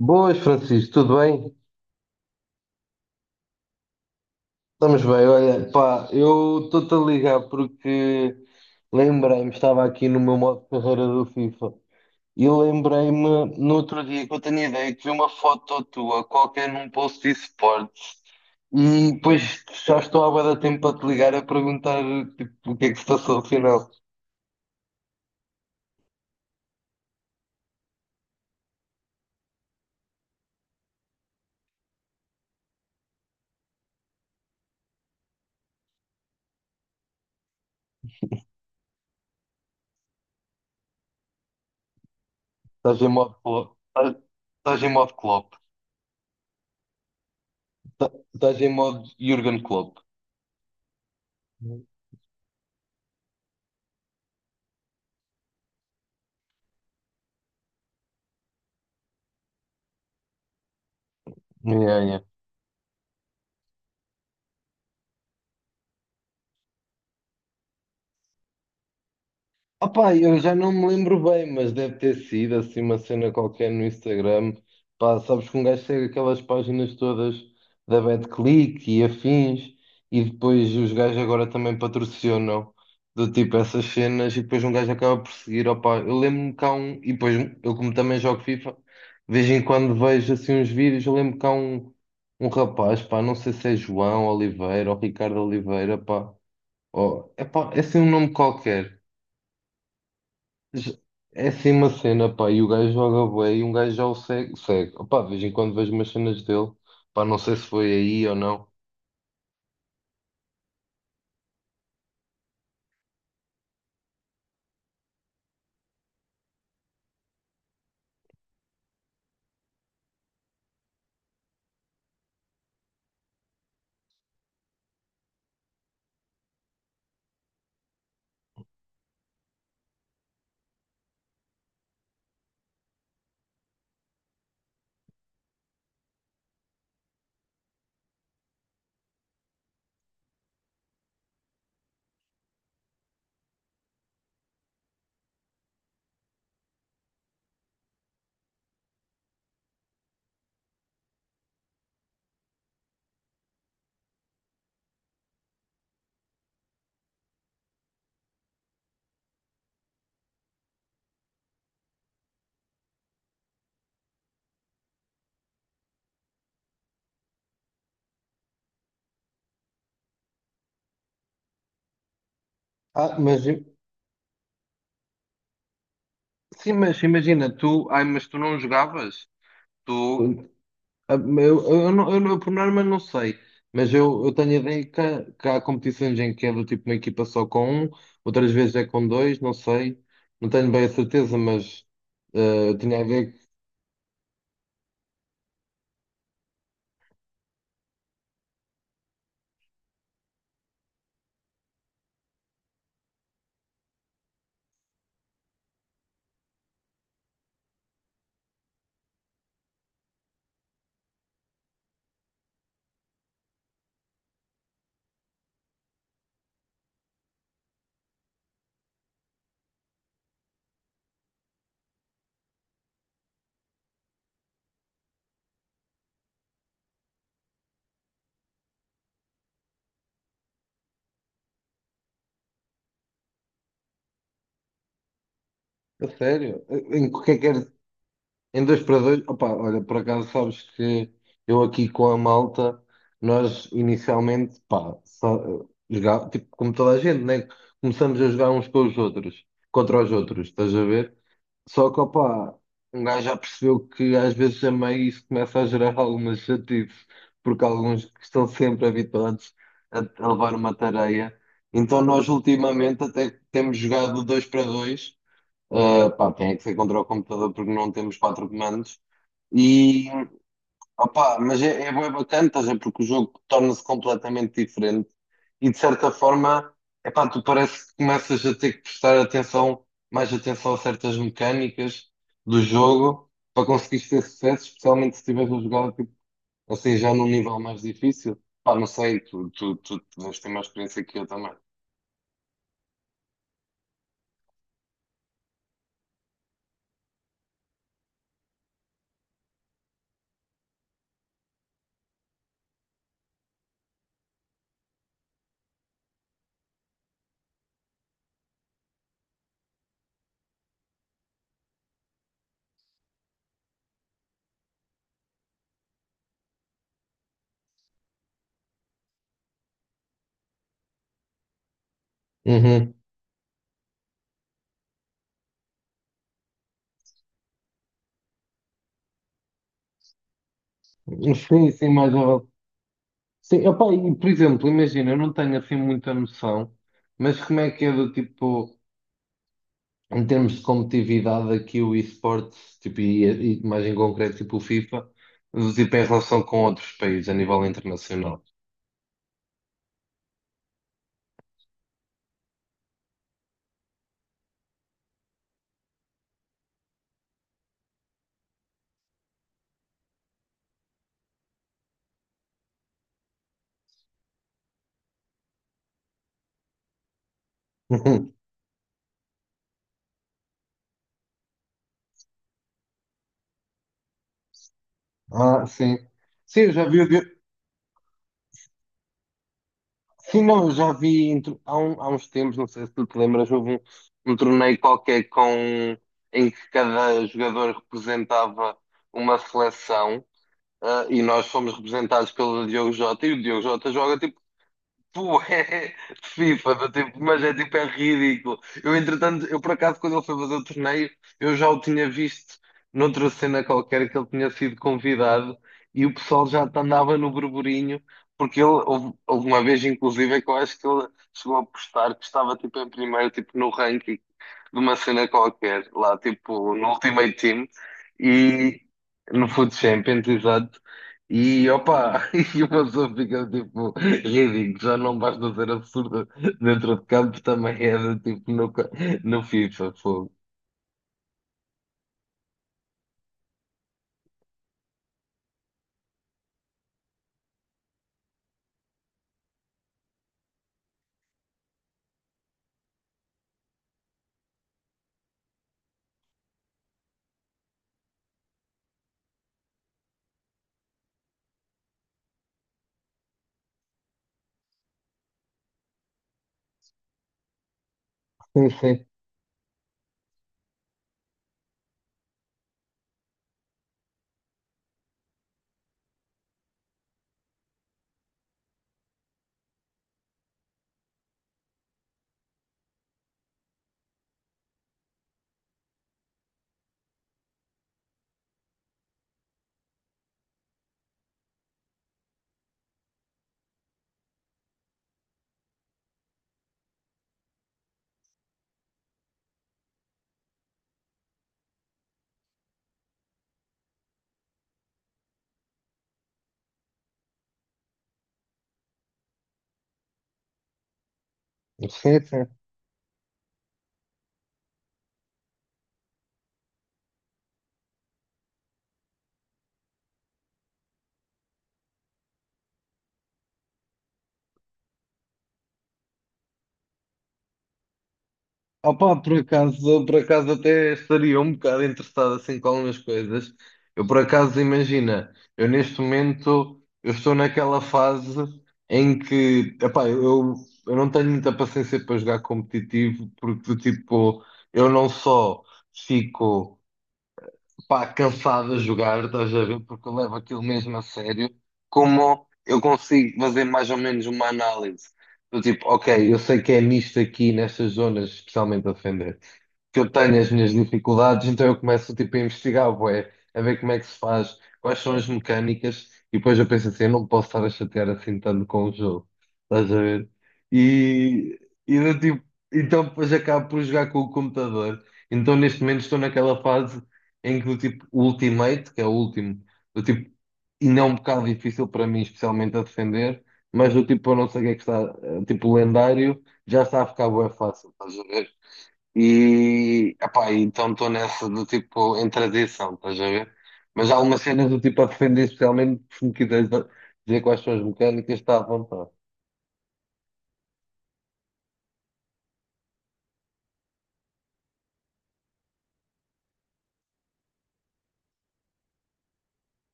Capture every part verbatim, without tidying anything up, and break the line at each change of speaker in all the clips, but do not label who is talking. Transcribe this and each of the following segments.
Boas, Francisco, tudo bem? Estamos bem, olha, pá, eu estou-te a ligar porque lembrei-me, estava aqui no meu modo de carreira do FIFA e lembrei-me no outro dia que eu tenho ideia que vi uma foto tua qualquer num post de esportes e depois já estou há bué de tempo para te ligar a perguntar tipo, o que é que se passou afinal. Estás em modo Klopp, estás estás em modo Klopp, estás estás em modo Jürgen Klopp. Yeah, yeah. Opá, eu já não me lembro bem, mas deve ter sido assim uma cena qualquer no Instagram. Pá, sabes que um gajo segue aquelas páginas todas da BetClick e afins, e depois os gajos agora também patrocinam do tipo essas cenas, e depois um gajo acaba por seguir. Opá, eu lembro-me que há um, e depois eu, como também jogo FIFA, de vez em quando vejo assim uns vídeos. Eu lembro que há um, um rapaz, pá, não sei se é João Oliveira ou Ricardo Oliveira, pá, ou, é pá, é assim um nome qualquer. J- É assim uma cena, pá, e o gajo joga bué e um gajo já o segue, segue. Opá, de vez em quando vejo umas cenas dele, pá, não sei se foi aí ou não. Ah, mas im- sim, mas imagina, tu, ai, mas tu não jogavas? Tu, ah, eu, eu, não- eu, não- por norma não sei, mas eu, eu tenho a ideia que, há- que há competições em que é do tipo uma equipa só com um, outras vezes é com dois, não sei, não tenho bem a certeza, mas ah, eu tinha a ver, a sério, em qualquer Em dois para dois, opa, olha, por acaso sabes que eu aqui com a malta, nós inicialmente, pá, só, eh, jogar, tipo, como toda a gente, né? Começamos a jogar uns com os outros, contra os outros, estás a ver? Só que, opa, um gajo já percebeu que às vezes a meio isso começa a gerar algumas chatices, porque alguns que estão sempre habituados a, a levar uma tareia. Então nós ultimamente até temos jogado dois para dois, ah, pá, tem é que ser contra o computador porque não temos quatro comandos. E opá, mas é, é bué bacana, estás a ver, porque o jogo torna-se completamente diferente e de certa forma, epá, tu parece que começas a ter que prestar atenção, mais atenção a certas mecânicas do jogo para conseguires ter sucesso, especialmente se estiveres a jogar tipo, assim já num nível mais difícil. Pá, não sei, tu, tu, tu deves ter mais experiência que eu também. Uhum. Sim, sim, mais ou Sim, opá, e, por exemplo, imagina, eu não tenho assim muita noção, mas como é que é do tipo. Em termos de competitividade aqui o esportes, tipo, e, e mais em concreto tipo o FIFA, tipo em relação com outros países a nível internacional. Ah, sim. Sim, eu já vi, eu vi- sim, não, eu já vi entre- há, um- há uns tempos, não sei se tu te lembras, houve um, um torneio qualquer com, em que cada jogador representava uma seleção, ah, e nós fomos representados pelo Diogo Jota, e o Diogo Jota joga tipo Pô, é é, FIFA, do tipo, mas é tipo, é ridículo. Eu, entretanto, eu por acaso, quando ele foi fazer o torneio, eu já o tinha visto noutra cena qualquer que ele tinha sido convidado e o pessoal já andava no burburinho, porque ele, houve, houve uma vez, inclusive, é que eu acho que ele chegou a postar que estava tipo em primeiro, tipo no ranking de uma cena qualquer, lá, tipo, no Ultimate Team e no Food Champions, exato. E opa, e o pessoa fica tipo. Ridículo, já não basta ser absurdo dentro de campo, também é de tipo no, ca- no FIFA, fogo. Sim, sim, sim, sim. Opa, por acaso, por acaso até estaria um bocado interessado assim com algumas coisas. Eu por acaso, imagina, eu neste momento, eu estou naquela fase em que, epá, eu, eu não tenho muita paciência para jogar competitivo, porque do tipo, eu não só fico pá, cansado de jogar, estás a ver? Porque eu levo aquilo mesmo a sério. Como eu consigo fazer mais ou menos uma análise do tipo, ok, eu sei que é nisto aqui, nestas zonas, especialmente a defender que eu tenho as minhas dificuldades, então eu começo tipo, a investigar, bué, a ver como é que se faz, quais são as mecânicas, e depois eu penso assim, eu não posso estar a chatear assim tanto com o jogo, estás a ver? E, e do tipo, então depois acabo por jogar com o computador. Então neste momento estou naquela fase em que do tipo o Ultimate, que é o último, do tipo, e não é um bocado difícil para mim, especialmente a defender, mas do tipo, eu não sei o que é que está, eh, tipo, lendário, já está a ficar bué fácil, estás a ver? E, epá, então estou nessa do tipo, em transição, estás a ver? Mas há algumas cenas do tipo a defender, especialmente se me quiseres dizer quais são as mecânicas, está à vontade.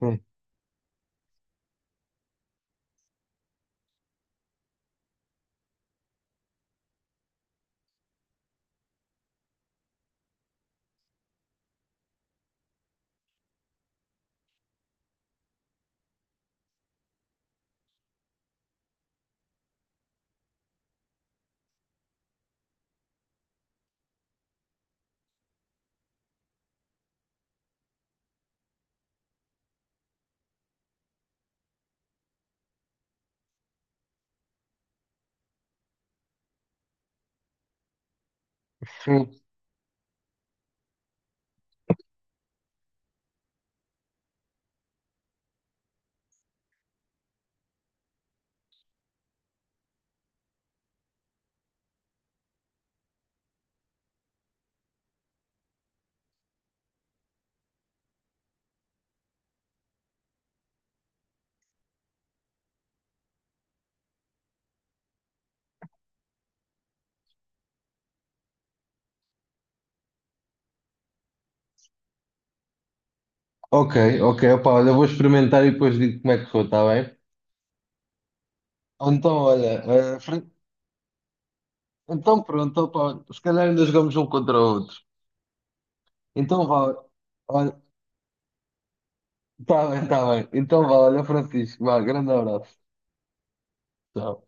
Hum, hum. Ok, ok, opá, olha, vou experimentar e depois digo como é que foi, está bem? Então, olha, eh, Fran- então pronto, opá, se calhar ainda jogamos um contra o outro. Então vá, olha, está bem, está bem. Então vá, olha, Francisco, vá, grande abraço. Tchau.